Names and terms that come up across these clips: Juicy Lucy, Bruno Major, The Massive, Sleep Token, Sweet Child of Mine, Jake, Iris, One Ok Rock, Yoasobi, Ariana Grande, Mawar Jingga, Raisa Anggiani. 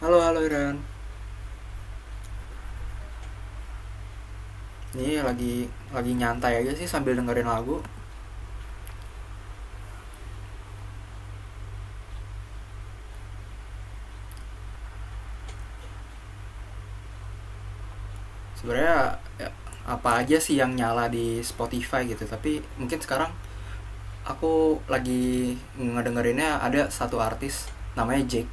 Halo halo Iren. Ini lagi nyantai aja sih sambil dengerin lagu. Sebenarnya ya, apa aja sih yang nyala di Spotify gitu, tapi mungkin sekarang aku lagi ngedengerinnya ada satu artis namanya Jake.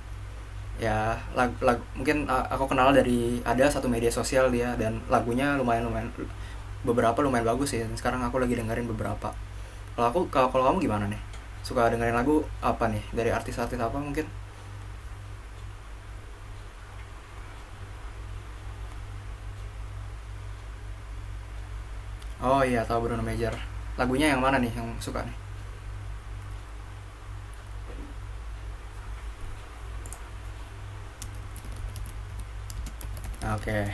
Ya, lag, lag- mungkin aku kenal dari ada satu media sosial dia dan lagunya lumayan lumayan beberapa lumayan bagus sih. Sekarang aku lagi dengerin beberapa. Kalau aku kalau kalau kamu gimana nih? Suka dengerin lagu apa nih? Dari artis-artis apa mungkin? Oh iya, tahu Bruno Major. Lagunya yang mana nih yang suka nih? Oke. Okay.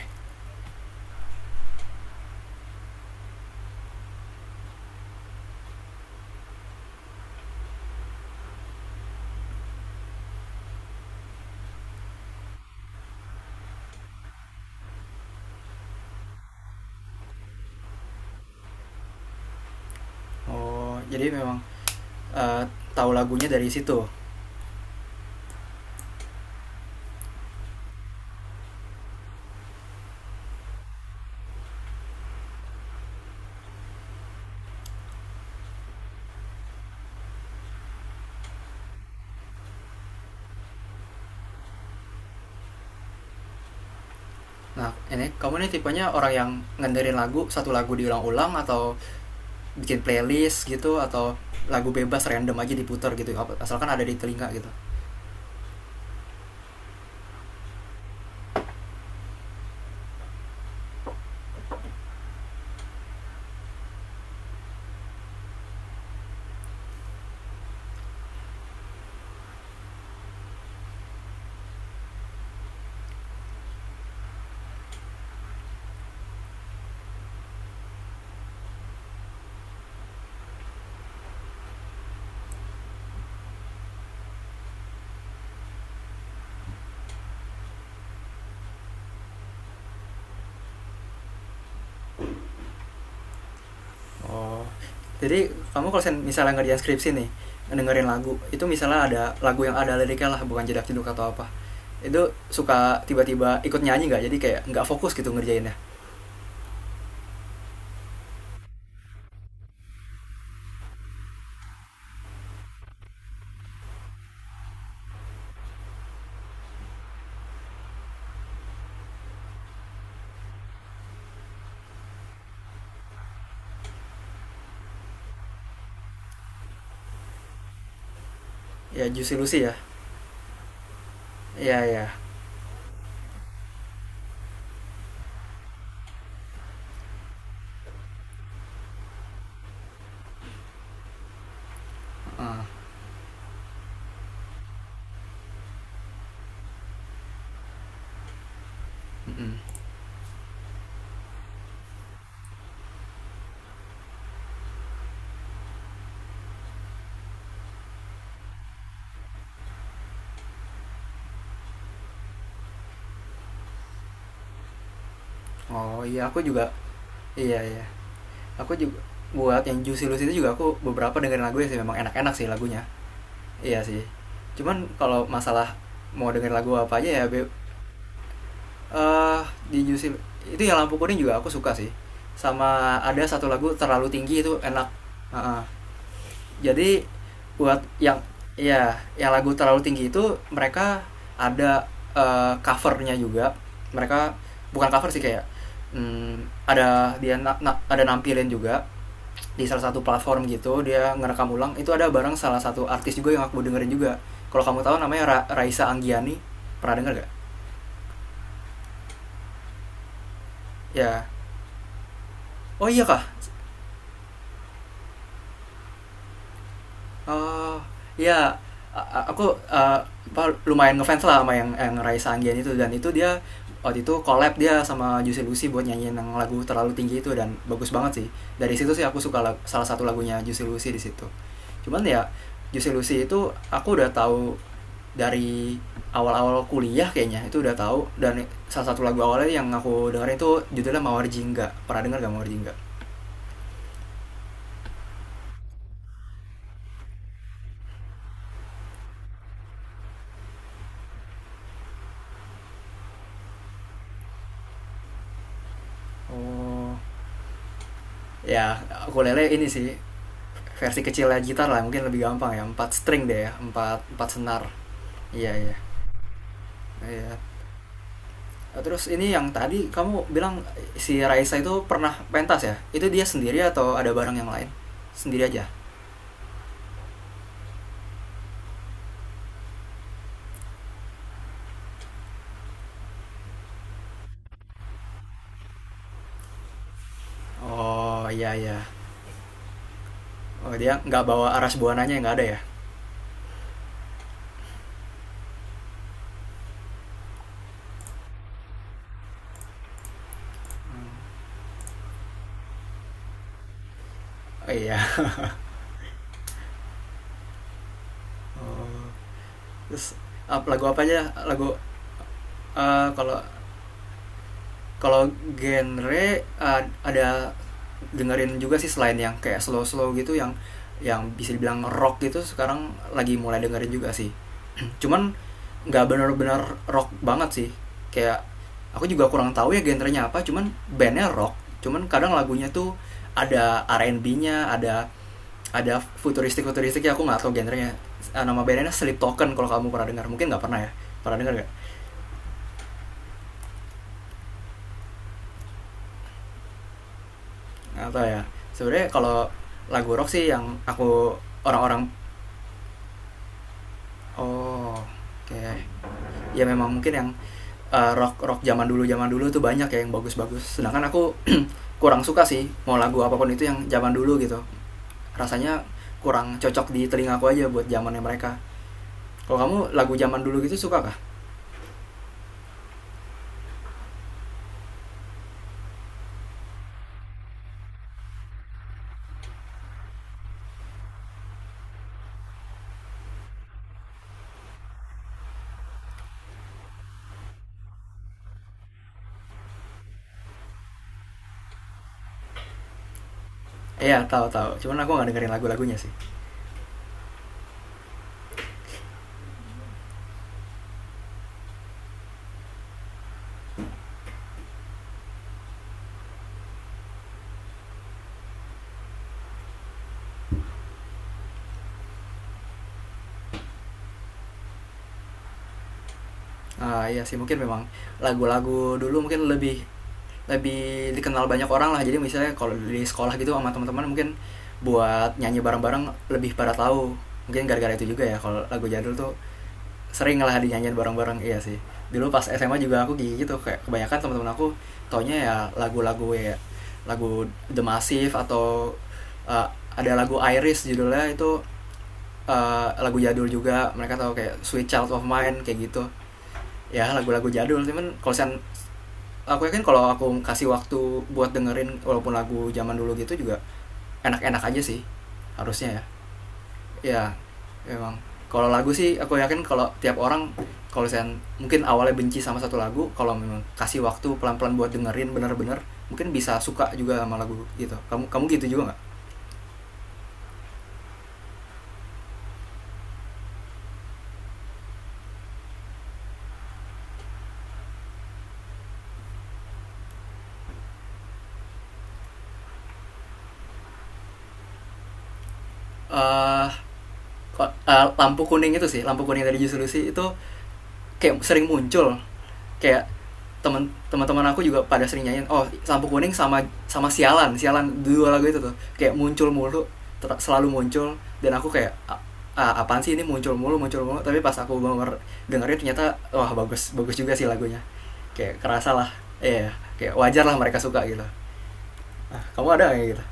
Oh, jadi memang eh, tahu lagunya dari situ. Nah, ini kamu nih tipenya orang yang ngenderin lagu satu lagu diulang-ulang atau bikin playlist gitu atau lagu bebas random aja diputar gitu asalkan ada di telinga gitu. Oh. Jadi kamu kalau misalnya ngerjain skripsi nih dengerin lagu itu, misalnya ada lagu yang ada liriknya lah bukan jedak jeduk atau apa, itu suka tiba-tiba ikut nyanyi nggak, jadi kayak nggak fokus gitu ngerjainnya? Ya, juicy lucy ya. Iya ya. Heeh. Mhm. Oh iya aku juga. Iya ya. Aku juga, buat yang Juicy Luice itu juga aku beberapa dengerin lagunya sih, memang enak-enak sih lagunya. Iya sih. Cuman kalau masalah mau dengerin lagu apa aja ya be eh di Juicy itu yang Lampu Kuning juga aku suka sih. Sama ada satu lagu Terlalu Tinggi itu enak. Heeh. Jadi buat yang ya yang lagu terlalu tinggi itu mereka ada covernya juga, mereka bukan cover sih, kayak hmm, ada dia ada nampilin juga di salah satu platform gitu, dia ngerekam ulang itu ada bareng salah satu artis juga yang aku dengerin juga, kalau kamu tahu namanya Raisa Anggiani, pernah denger gak? Ya. Oh iya kah. Oh, ya. Aku eh, apa, lumayan ngefans lah sama yang Raisa Anggian itu, dan itu dia waktu itu collab dia sama Juicy Lucy buat nyanyiin yang lagu terlalu tinggi itu dan bagus banget sih. Dari situ sih aku suka salah satu lagunya Juicy Lucy di situ. Cuman ya, Juicy Lucy itu aku udah tahu dari awal-awal kuliah kayaknya, itu udah tahu dan salah satu lagu awalnya yang aku dengerin itu judulnya Mawar Jingga. Pernah denger gak Mawar Jingga? Oh, ya. Aku lele ini sih versi kecilnya gitar lah, mungkin lebih gampang ya, empat string deh, ya empat empat senar. Iya iya iya. Terus ini yang tadi kamu bilang si Raisa itu pernah pentas ya, itu dia sendiri atau ada barang yang lain? Sendiri aja. Oh iya iya. Oh dia nggak bawa aras buananya, nggak ada ya. Oh, iya. Oh, terus lagu apa aja? Lagu kalau kalau genre ada, dengerin juga sih selain yang kayak slow-slow gitu, yang bisa dibilang rock gitu sekarang lagi mulai dengerin juga sih. Cuman nggak benar-benar rock banget sih. Kayak aku juga kurang tahu ya genrenya apa, cuman bandnya rock. Cuman kadang lagunya tuh ada R&B-nya, ada futuristik futuristik ya aku nggak tahu genrenya. Nama bandnya Sleep Token, kalau kamu pernah dengar, mungkin nggak pernah ya. Pernah dengar nggak? Apa ya, sebenarnya kalau lagu rock sih yang aku orang-orang, oh kayak ya memang mungkin yang rock rock zaman dulu tuh banyak ya yang bagus-bagus, sedangkan aku kurang suka sih mau lagu apapun itu yang zaman dulu gitu, rasanya kurang cocok di telinga aku aja buat zamannya mereka. Kalau kamu lagu zaman dulu gitu suka kah? Iya tahu tahu, cuman aku nggak dengerin lagu-lagunya sih. Ah iya sih mungkin memang lagu-lagu dulu mungkin lebih lebih dikenal banyak orang lah, jadi misalnya kalau di sekolah gitu sama teman-teman mungkin buat nyanyi bareng-bareng lebih pada tahu, mungkin gara-gara itu juga ya kalau lagu jadul tuh sering lah dinyanyiin bareng-bareng, iya sih. Dulu pas SMA juga aku gitu, kayak kebanyakan teman-teman aku taunya ya lagu-lagu, ya lagu The Massive atau uh, ada lagu Iris judulnya itu, lagu jadul juga mereka tahu kayak Sweet Child of Mine kayak gitu, ya lagu-lagu jadul. Cuman kalau sen, aku yakin kalau aku kasih waktu buat dengerin walaupun lagu zaman dulu gitu juga enak-enak aja sih harusnya ya. Ya memang, kalau lagu sih aku yakin kalau tiap orang, kalau saya mungkin awalnya benci sama satu lagu, kalau memang kasih waktu pelan-pelan buat dengerin bener-bener mungkin bisa suka juga sama lagu gitu. Kamu kamu gitu juga nggak? Eh, Lampu kuning itu sih, Lampu Kuning dari Juicy Lucy itu kayak sering muncul, kayak teman-teman aku juga pada sering nyanyiin, oh Lampu Kuning sama sama sialan sialan, dua lagu itu tuh kayak muncul mulu, selalu muncul, dan aku kayak ah, apaan sih ini muncul mulu muncul mulu", tapi pas aku dengerin ternyata wah bagus bagus juga sih lagunya, kayak kerasa lah, ya yeah, kayak wajar lah mereka suka gitu. Nah, kamu ada nggak kayak gitu?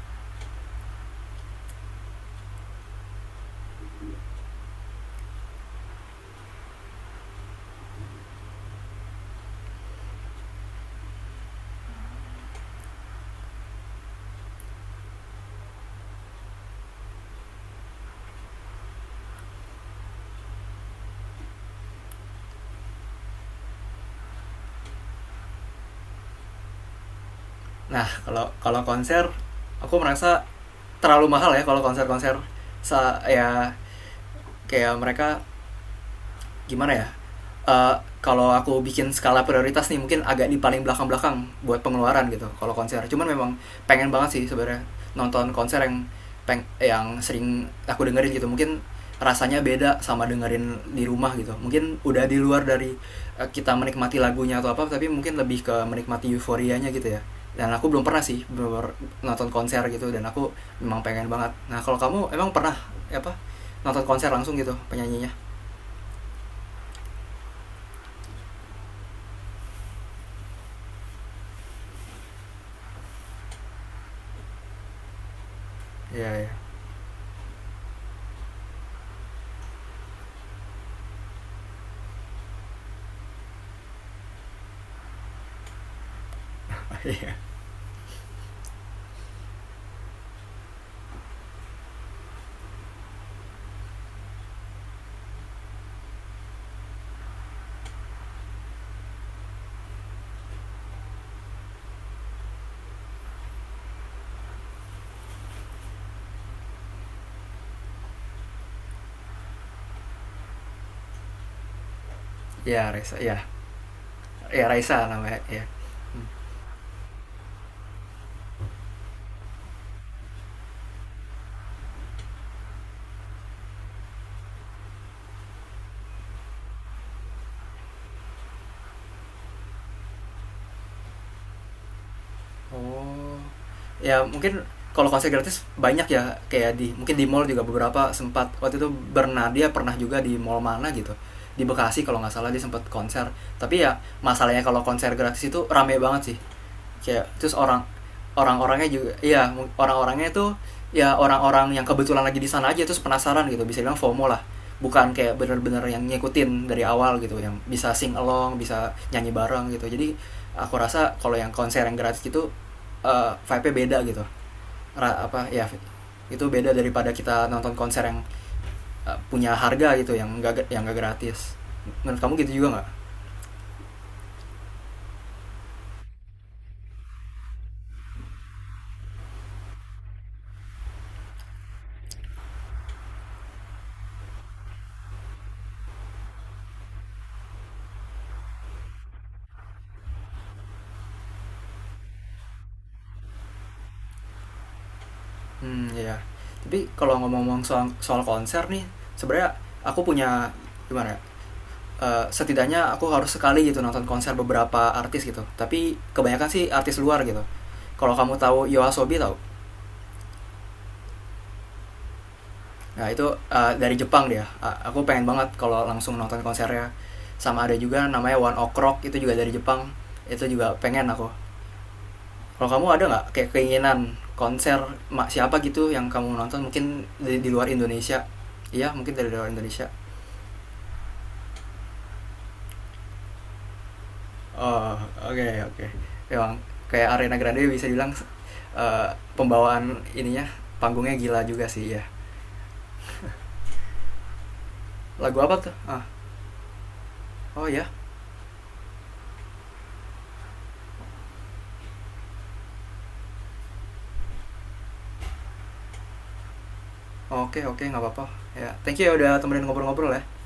Nah kalau kalau konser, aku merasa terlalu mahal ya kalau konser-konser sa ya, kayak mereka gimana ya, eh, kalau aku bikin skala prioritas nih mungkin agak di paling belakang-belakang buat pengeluaran gitu kalau konser. Cuman memang pengen banget sih sebenarnya nonton konser yang peng yang sering aku dengerin gitu. Mungkin rasanya beda sama dengerin di rumah gitu. Mungkin udah di luar dari kita menikmati lagunya atau apa, tapi mungkin lebih ke menikmati euforianya gitu ya. Dan aku belum pernah sih bener nonton konser gitu, dan aku memang pengen banget. Nah, kalau kamu emang pernah apa nonton konser langsung gitu penyanyinya? Iya, iya. Iya, Reza, iya. Ya Raisa namanya ya. Oh. Ya mungkin kalau konser gratis banyak ya, kayak di mungkin di mall juga, beberapa sempat waktu itu Bernadia pernah juga di mall mana gitu di Bekasi kalau nggak salah dia sempat konser. Tapi ya masalahnya kalau konser gratis itu rame banget sih, kayak terus orang-orangnya juga iya, orang-orangnya itu ya orang-orang yang kebetulan lagi di sana aja terus penasaran gitu, bisa bilang FOMO lah, bukan kayak bener-bener yang ngikutin dari awal gitu yang bisa sing along, bisa nyanyi bareng gitu. Jadi aku rasa kalau yang konser yang gratis gitu vibe-nya beda gitu, apa ya, itu beda daripada kita nonton konser yang punya harga gitu yang nggak gratis. Menurut kamu gitu juga nggak? Hmm, ya. Tapi kalau ngomong-ngomong soal soal konser nih, sebenarnya aku punya, gimana ya? Setidaknya aku harus sekali gitu nonton konser beberapa artis gitu. Tapi kebanyakan sih artis luar gitu. Kalau kamu tahu Yoasobi, tahu? Nah, itu dari Jepang dia. Aku pengen banget kalau langsung nonton konsernya. Sama ada juga namanya One Ok Rock, itu juga dari Jepang. Itu juga pengen aku. Kalau kamu ada nggak kayak keinginan konser siapa gitu yang kamu nonton mungkin di, luar Indonesia? Iya, mungkin dari luar Indonesia. Oh, oke, okay, oke. Memang kayak Arena Grande bisa dibilang eh, pembawaan ininya, panggungnya gila juga sih ya. Lagu apa tuh? Ah, oh ya. Oke, oke, nggak apa-apa. Ya, thank you ya udah temenin ngobrol-ngobrol ya.